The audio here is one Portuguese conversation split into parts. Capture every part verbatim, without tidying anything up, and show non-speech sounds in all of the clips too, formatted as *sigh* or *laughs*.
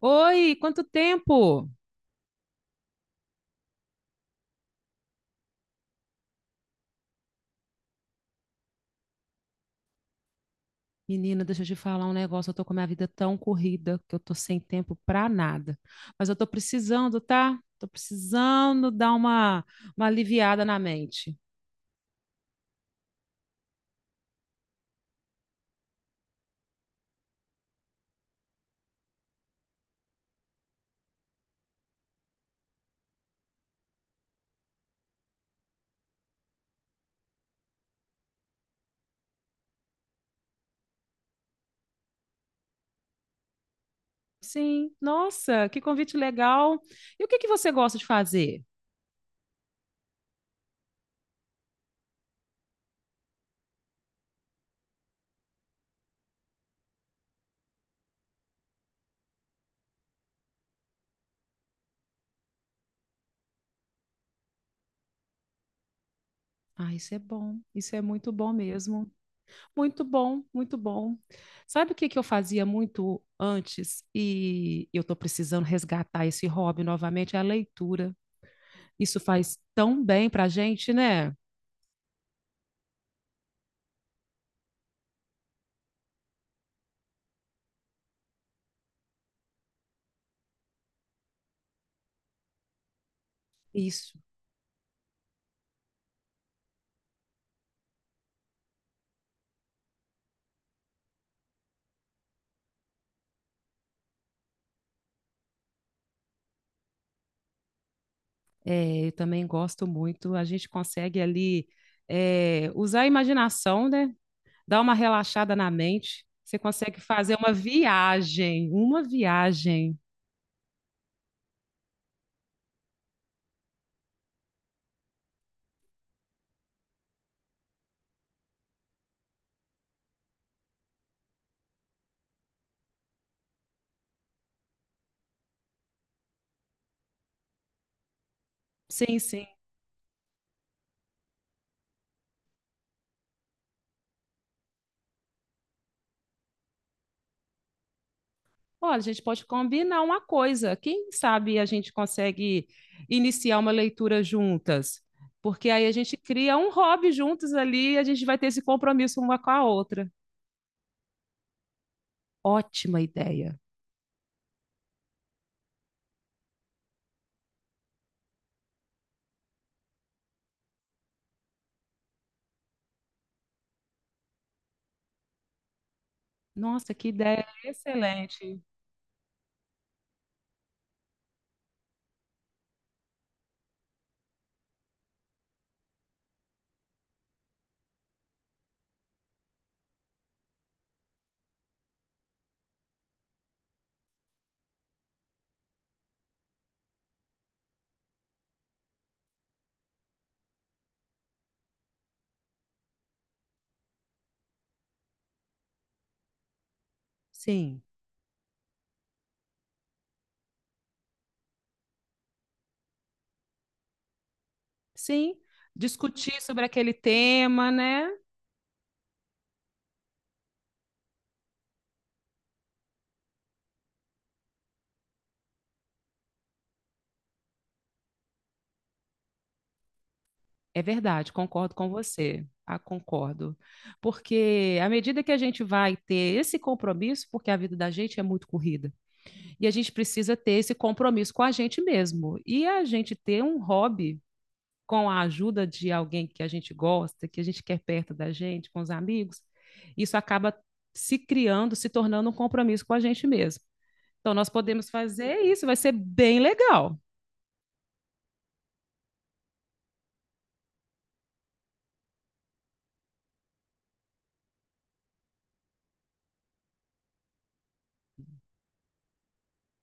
Oi, quanto tempo? Menina, deixa eu te falar um negócio. Eu tô com a minha vida tão corrida que eu tô sem tempo pra nada. Mas eu tô precisando, tá? Tô precisando dar uma, uma aliviada na mente. Sim, nossa, que convite legal. E o que que você gosta de fazer? Ah, isso é bom. Isso é muito bom mesmo. Muito bom, muito bom. Sabe o que que eu fazia muito antes e eu tô precisando resgatar esse hobby novamente? É a leitura. Isso faz tão bem para a gente, né? Isso. É, eu também gosto muito. A gente consegue ali é, usar a imaginação, né? Dar uma relaxada na mente. Você consegue fazer uma viagem, uma viagem. Sim, sim. Olha, a gente pode combinar uma coisa. Quem sabe a gente consegue iniciar uma leitura juntas? Porque aí a gente cria um hobby juntos ali e a gente vai ter esse compromisso uma com a outra. Ótima ideia. Nossa, que ideia excelente. Sim, sim. Discutir sobre aquele tema, né? É verdade, concordo com você. Ah, concordo. Porque à medida que a gente vai ter esse compromisso, porque a vida da gente é muito corrida, e a gente precisa ter esse compromisso com a gente mesmo. E a gente ter um hobby com a ajuda de alguém que a gente gosta, que a gente quer perto da gente, com os amigos, isso acaba se criando, se tornando um compromisso com a gente mesmo. Então, nós podemos fazer isso, vai ser bem legal.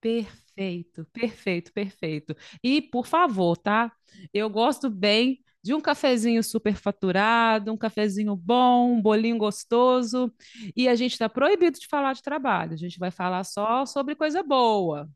Perfeito, perfeito, perfeito. E, por favor, tá? Eu gosto bem de um cafezinho superfaturado, um cafezinho bom, um bolinho gostoso. E a gente está proibido de falar de trabalho, a gente vai falar só sobre coisa boa.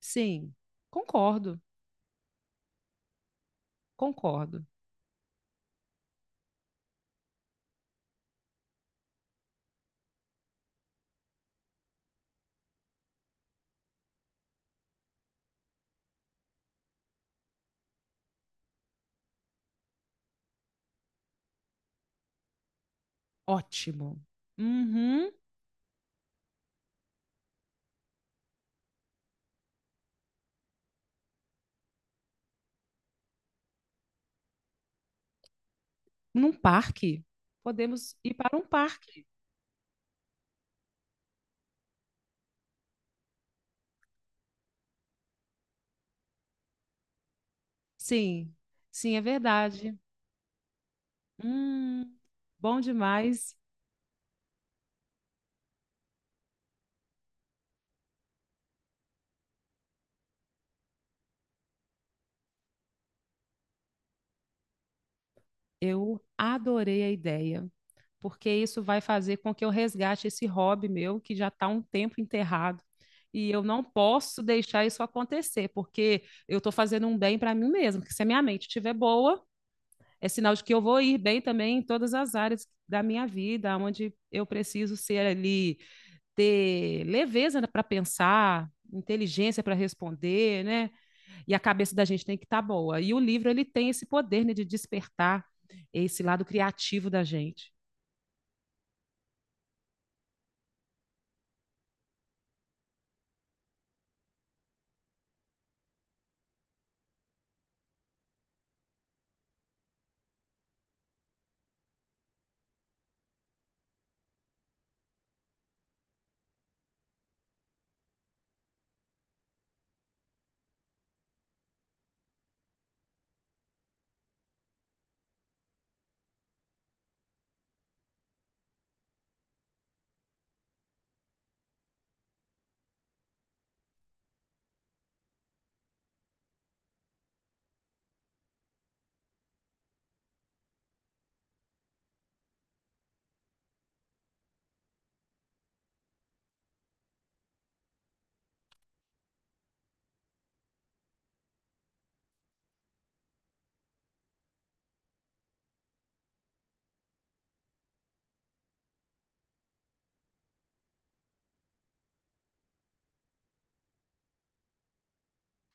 Sim, concordo. Concordo. Ótimo. Uhum. Num parque. Podemos ir para um parque. Sim, sim, é verdade. Hum, bom demais. Eu adorei a ideia, porque isso vai fazer com que eu resgate esse hobby meu que já está um tempo enterrado. E eu não posso deixar isso acontecer, porque eu estou fazendo um bem para mim mesma. Porque se a minha mente estiver boa, é sinal de que eu vou ir bem também em todas as áreas da minha vida, onde eu preciso ser ali, ter leveza para pensar, inteligência para responder, né? E a cabeça da gente tem que estar tá boa. E o livro ele tem esse poder né, de despertar esse lado criativo da gente.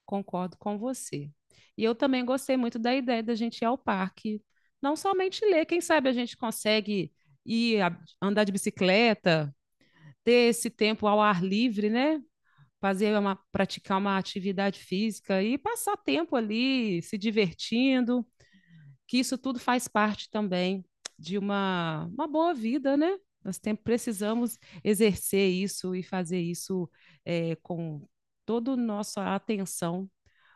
Concordo com você. E eu também gostei muito da ideia da gente ir ao parque, não somente ler, quem sabe a gente consegue ir a, andar de bicicleta, ter esse tempo ao ar livre, né? fazer uma, praticar uma atividade física e passar tempo ali se divertindo, que isso tudo faz parte também de uma, uma boa vida, né? Nós tem, precisamos exercer isso e fazer isso é, com toda a nossa atenção,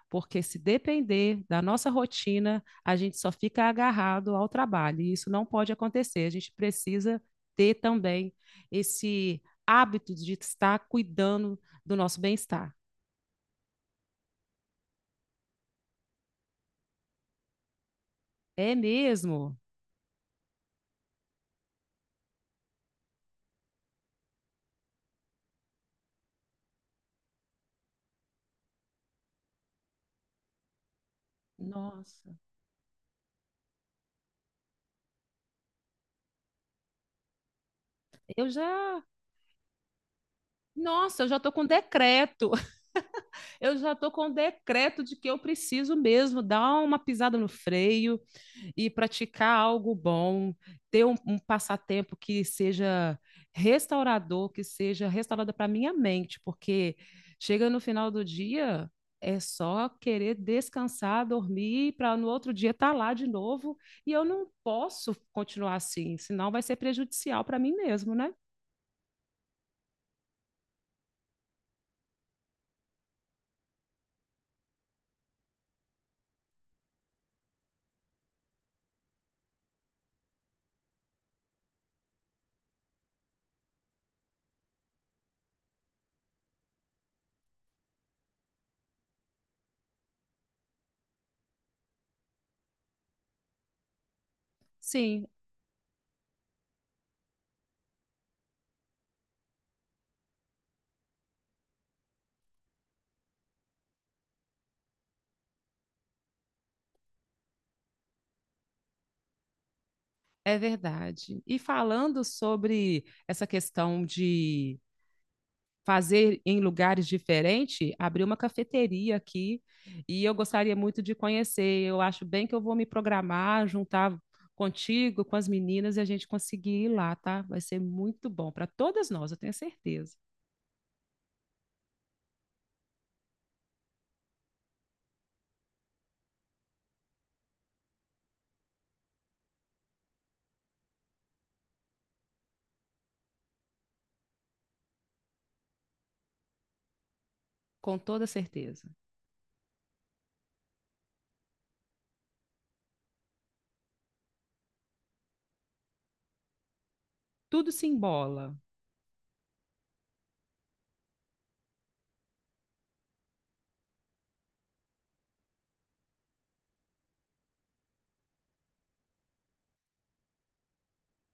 porque se depender da nossa rotina, a gente só fica agarrado ao trabalho, e isso não pode acontecer. A gente precisa ter também esse hábito de estar cuidando do nosso bem-estar. É mesmo? Nossa, eu já. Nossa, eu já tô com decreto. *laughs* Eu já tô com decreto de que eu preciso mesmo dar uma pisada no freio e praticar algo bom, ter um, um passatempo que seja restaurador, que seja restaurador para minha mente, porque chega no final do dia é só querer descansar, dormir, para no outro dia estar lá de novo, e eu não posso continuar assim, senão vai ser prejudicial para mim mesmo, né? Sim, é verdade. E falando sobre essa questão de fazer em lugares diferentes, abriu uma cafeteria aqui e eu gostaria muito de conhecer. Eu acho bem que eu vou me programar, juntar contigo, com as meninas e a gente conseguir ir lá, tá? Vai ser muito bom para todas nós, eu tenho certeza. Com toda certeza. Tudo se embola.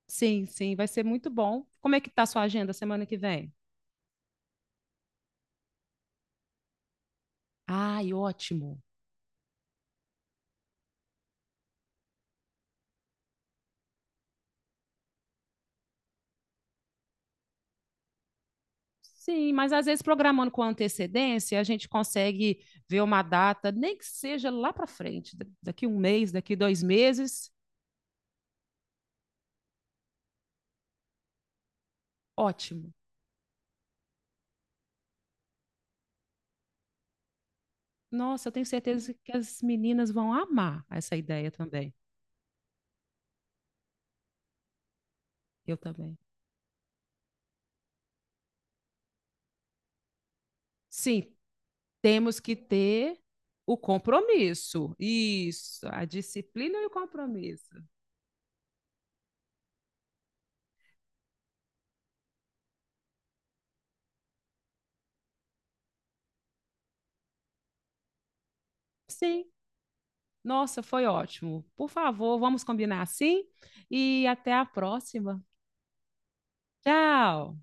Sim, sim, vai ser muito bom. Como é que tá a sua agenda semana que vem? Ai, ótimo. Sim, mas às vezes programando com antecedência, a gente consegue ver uma data, nem que seja lá para frente, da- daqui um mês, daqui dois meses, ótimo. Nossa, eu tenho certeza que as meninas vão amar essa ideia também. Eu também. Sim, temos que ter o compromisso. Isso, a disciplina e o compromisso. Sim, nossa, foi ótimo. Por favor, vamos combinar assim e até a próxima. Tchau!